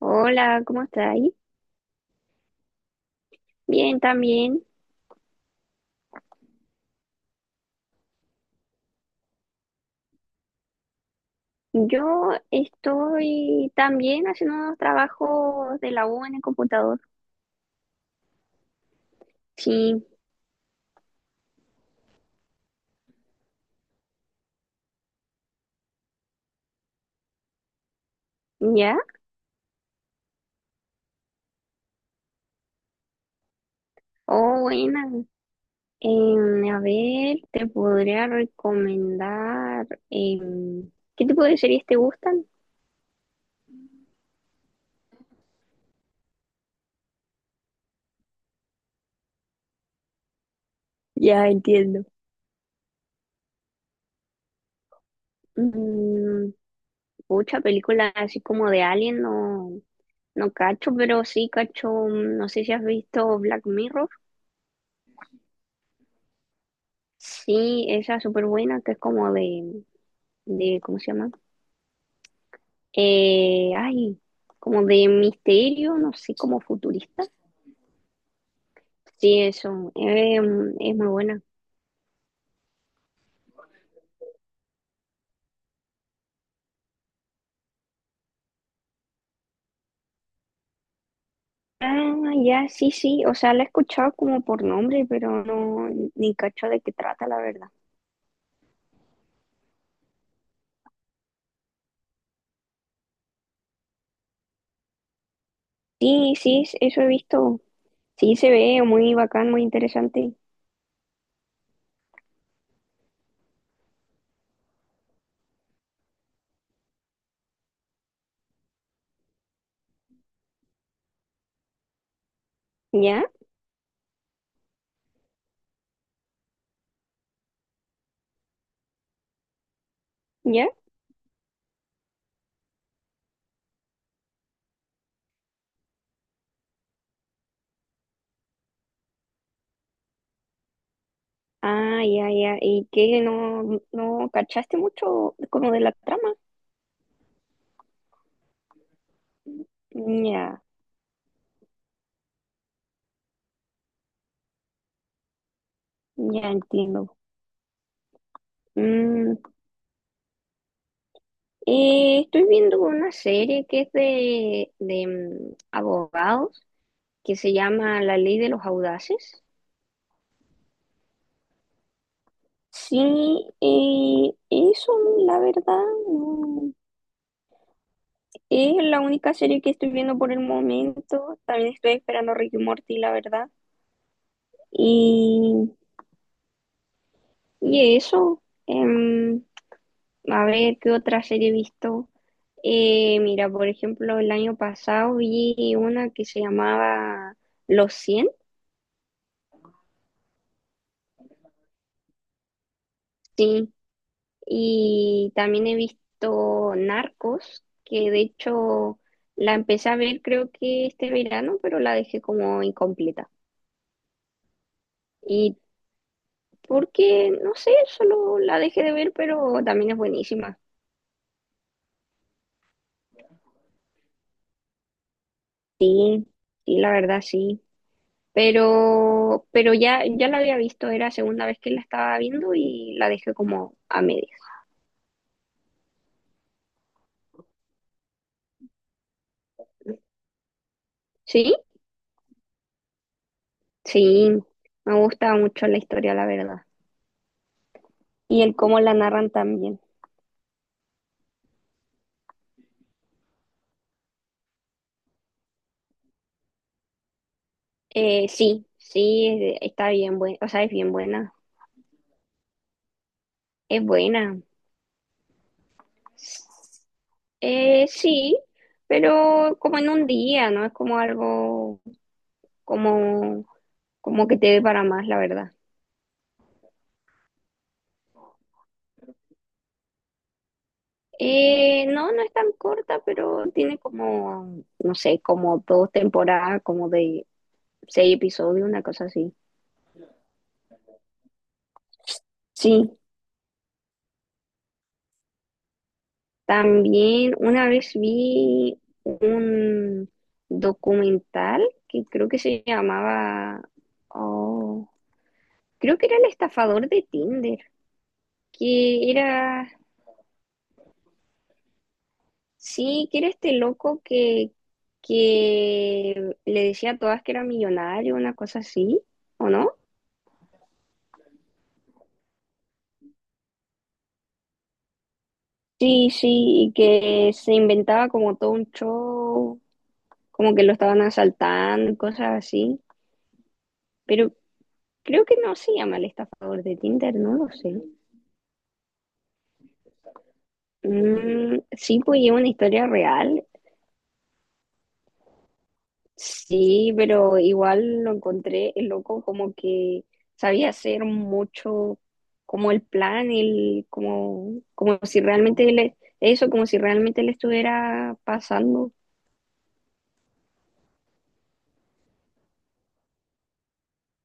Hola, ¿cómo estáis? Bien, también. Yo estoy también haciendo unos trabajos de la U en el computador. Sí, ¿ya? Oh, buena. A ver, te podría recomendar, ¿qué tipo de series te gustan? Ya entiendo. Mm, mucha película así como de Alien, no, no cacho, pero sí cacho, mm, no sé si has visto Black Mirror. Sí, esa es súper buena, que es como de, ¿cómo se llama? Eh, ay, Como de misterio, no sé, como futurista. Sí, eso, es muy buena. Ah, ya, sí, sí, o sea, la he escuchado como por nombre, pero no, ni cacho de qué trata, la verdad. Sí, sí, eso he visto. Sí, se ve muy bacán, muy interesante. ¿Ya? ¿Ya? Ah, ya, ya. ¿Y qué? ¿No, no cachaste mucho como de la trama? Ya, ya entiendo. Mm, estoy viendo una serie que es de abogados que se llama La Ley de los Audaces. Sí, eso la verdad no- es la única serie que estoy viendo por el momento. También estoy esperando Ricky Morty, la verdad. Y, y eso, a ver qué otra serie he visto. Mira, por ejemplo, el año pasado vi una que se llamaba Los cien. Sí, y también he visto Narcos, que de hecho la empecé a ver creo que este verano, pero la dejé como incompleta. Y porque, no sé, solo la dejé de ver, pero también es buenísima. Sí, sí, la verdad sí. Pero ya, ya la había visto, era segunda vez que la estaba viendo y la dejé como a medias. ¿Sí? Sí, me gusta mucho la historia, la verdad. Y el cómo la narran también. Sí, sí, está bien buena, o sea, es bien buena, es buena. Sí, pero como en un día, ¿no? Es como algo como, como que te dé para más, la verdad. No, no es tan corta, pero tiene como, no sé, como dos temporadas, como de seis episodios, una cosa así. Sí, también una vez vi un documental que creo que se llamaba, oh, creo que era el estafador de Tinder, que era, sí, que era este loco que le decía a todas que era millonario, una cosa así, ¿o no? Sí, sí, y que se inventaba como todo un show, como que lo estaban asaltando, y cosas así, pero creo que no se llama el estafador de Tinder, no lo sé. Mm, sí, pues es una historia real, sí, pero igual lo encontré el loco como que sabía hacer mucho como el plan, como si realmente le, eso, como si realmente le estuviera pasando.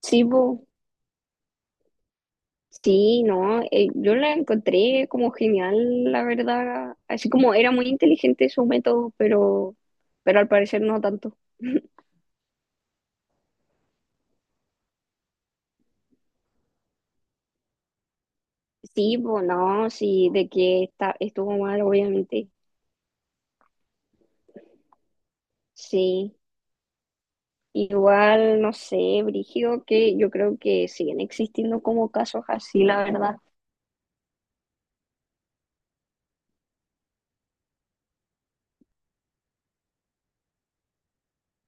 Sí, pues, sí, no, yo la encontré como genial, la verdad, así como era muy inteligente su método, pero al parecer no tanto. Sí, pues no, sí, estuvo mal, obviamente. Sí, igual, no sé, Brigio, que yo creo que siguen existiendo como casos así, la verdad.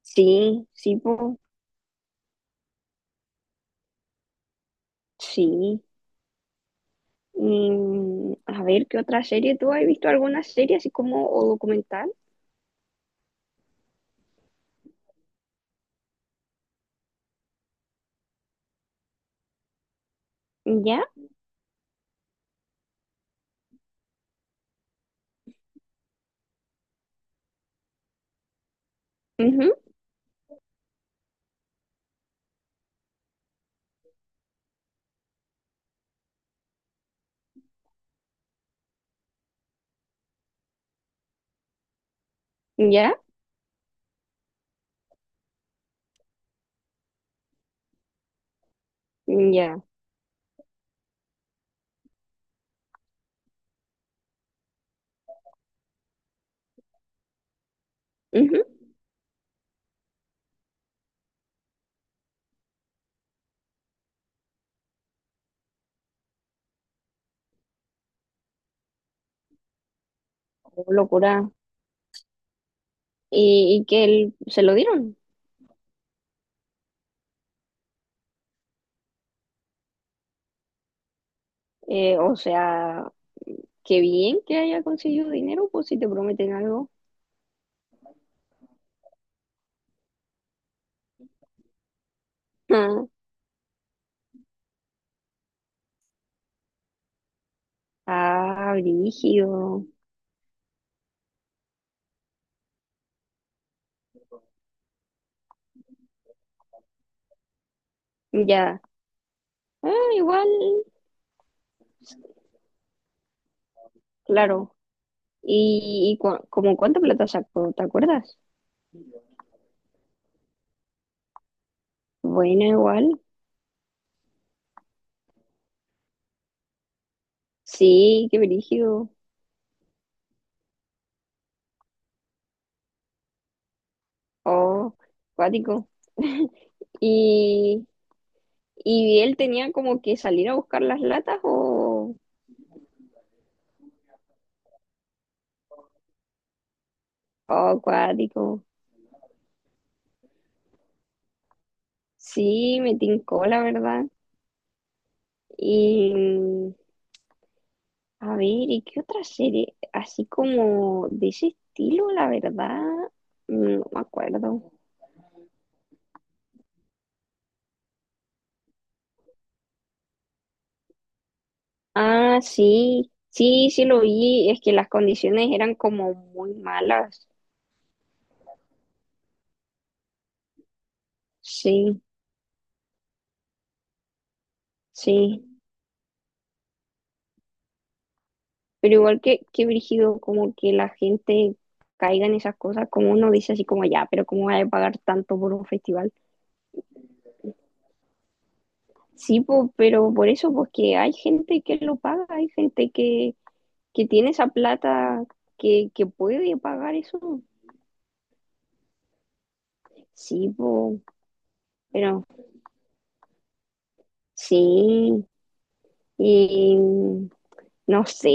Sí, sí, po, sí. Mm, a ver, ¿qué otra serie? ¿Tú has visto alguna serie así como o documental? ¿Ya? Ujú. ¿Ya? ¿Ya? Ujú. Oh, locura. Y que él, se lo dieron? O sea, qué bien que haya conseguido dinero, pues si te prometen algo. Ah, brígido. Ya. Ah, igual. Claro. Y como cuánta plata sacó? ¿Te acuerdas? Bueno, igual. Sí, qué brígido. Oh, cuático. ¿Y, y él tenía como que salir a buscar las latas o...? Oh, cuático. Sí, me tincó, la verdad. Y... mm, A ver, ¿y qué otra serie? Así como de ese estilo, la verdad, mm, no me acuerdo. Ah, sí, sí, sí lo vi, es que las condiciones eran como muy malas, sí, sí, pero igual que brígido, como que la gente caiga en esas cosas, como uno dice así como ya, pero ¿cómo va a pagar tanto por un festival? Sí, po, pero por eso, porque hay gente que lo paga, hay gente que tiene esa plata que puede pagar eso, sí, po, pero sí, y... No sé,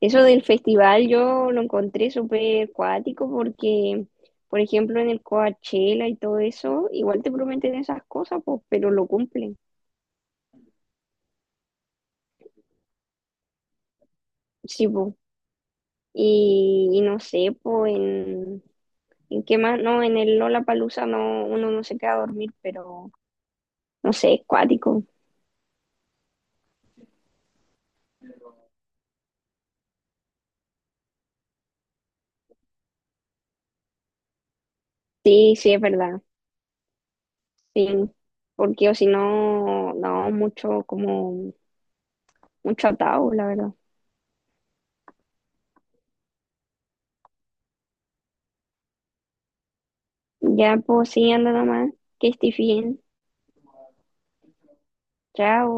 eso del festival yo lo encontré súper cuático porque, por ejemplo, en el Coachella y todo eso, igual te prometen esas cosas, pues, pero lo cumplen. Sí, pues. Y no sé, pues, en qué más, no, en el Lollapalooza no, uno no se queda a dormir, pero no sé, es cuático. Sí, sí, es verdad, sí, porque o si no, no, mucho, como, mucho atado, la verdad. Ya, pues, sí, anda nomás, que estés bien. Chao.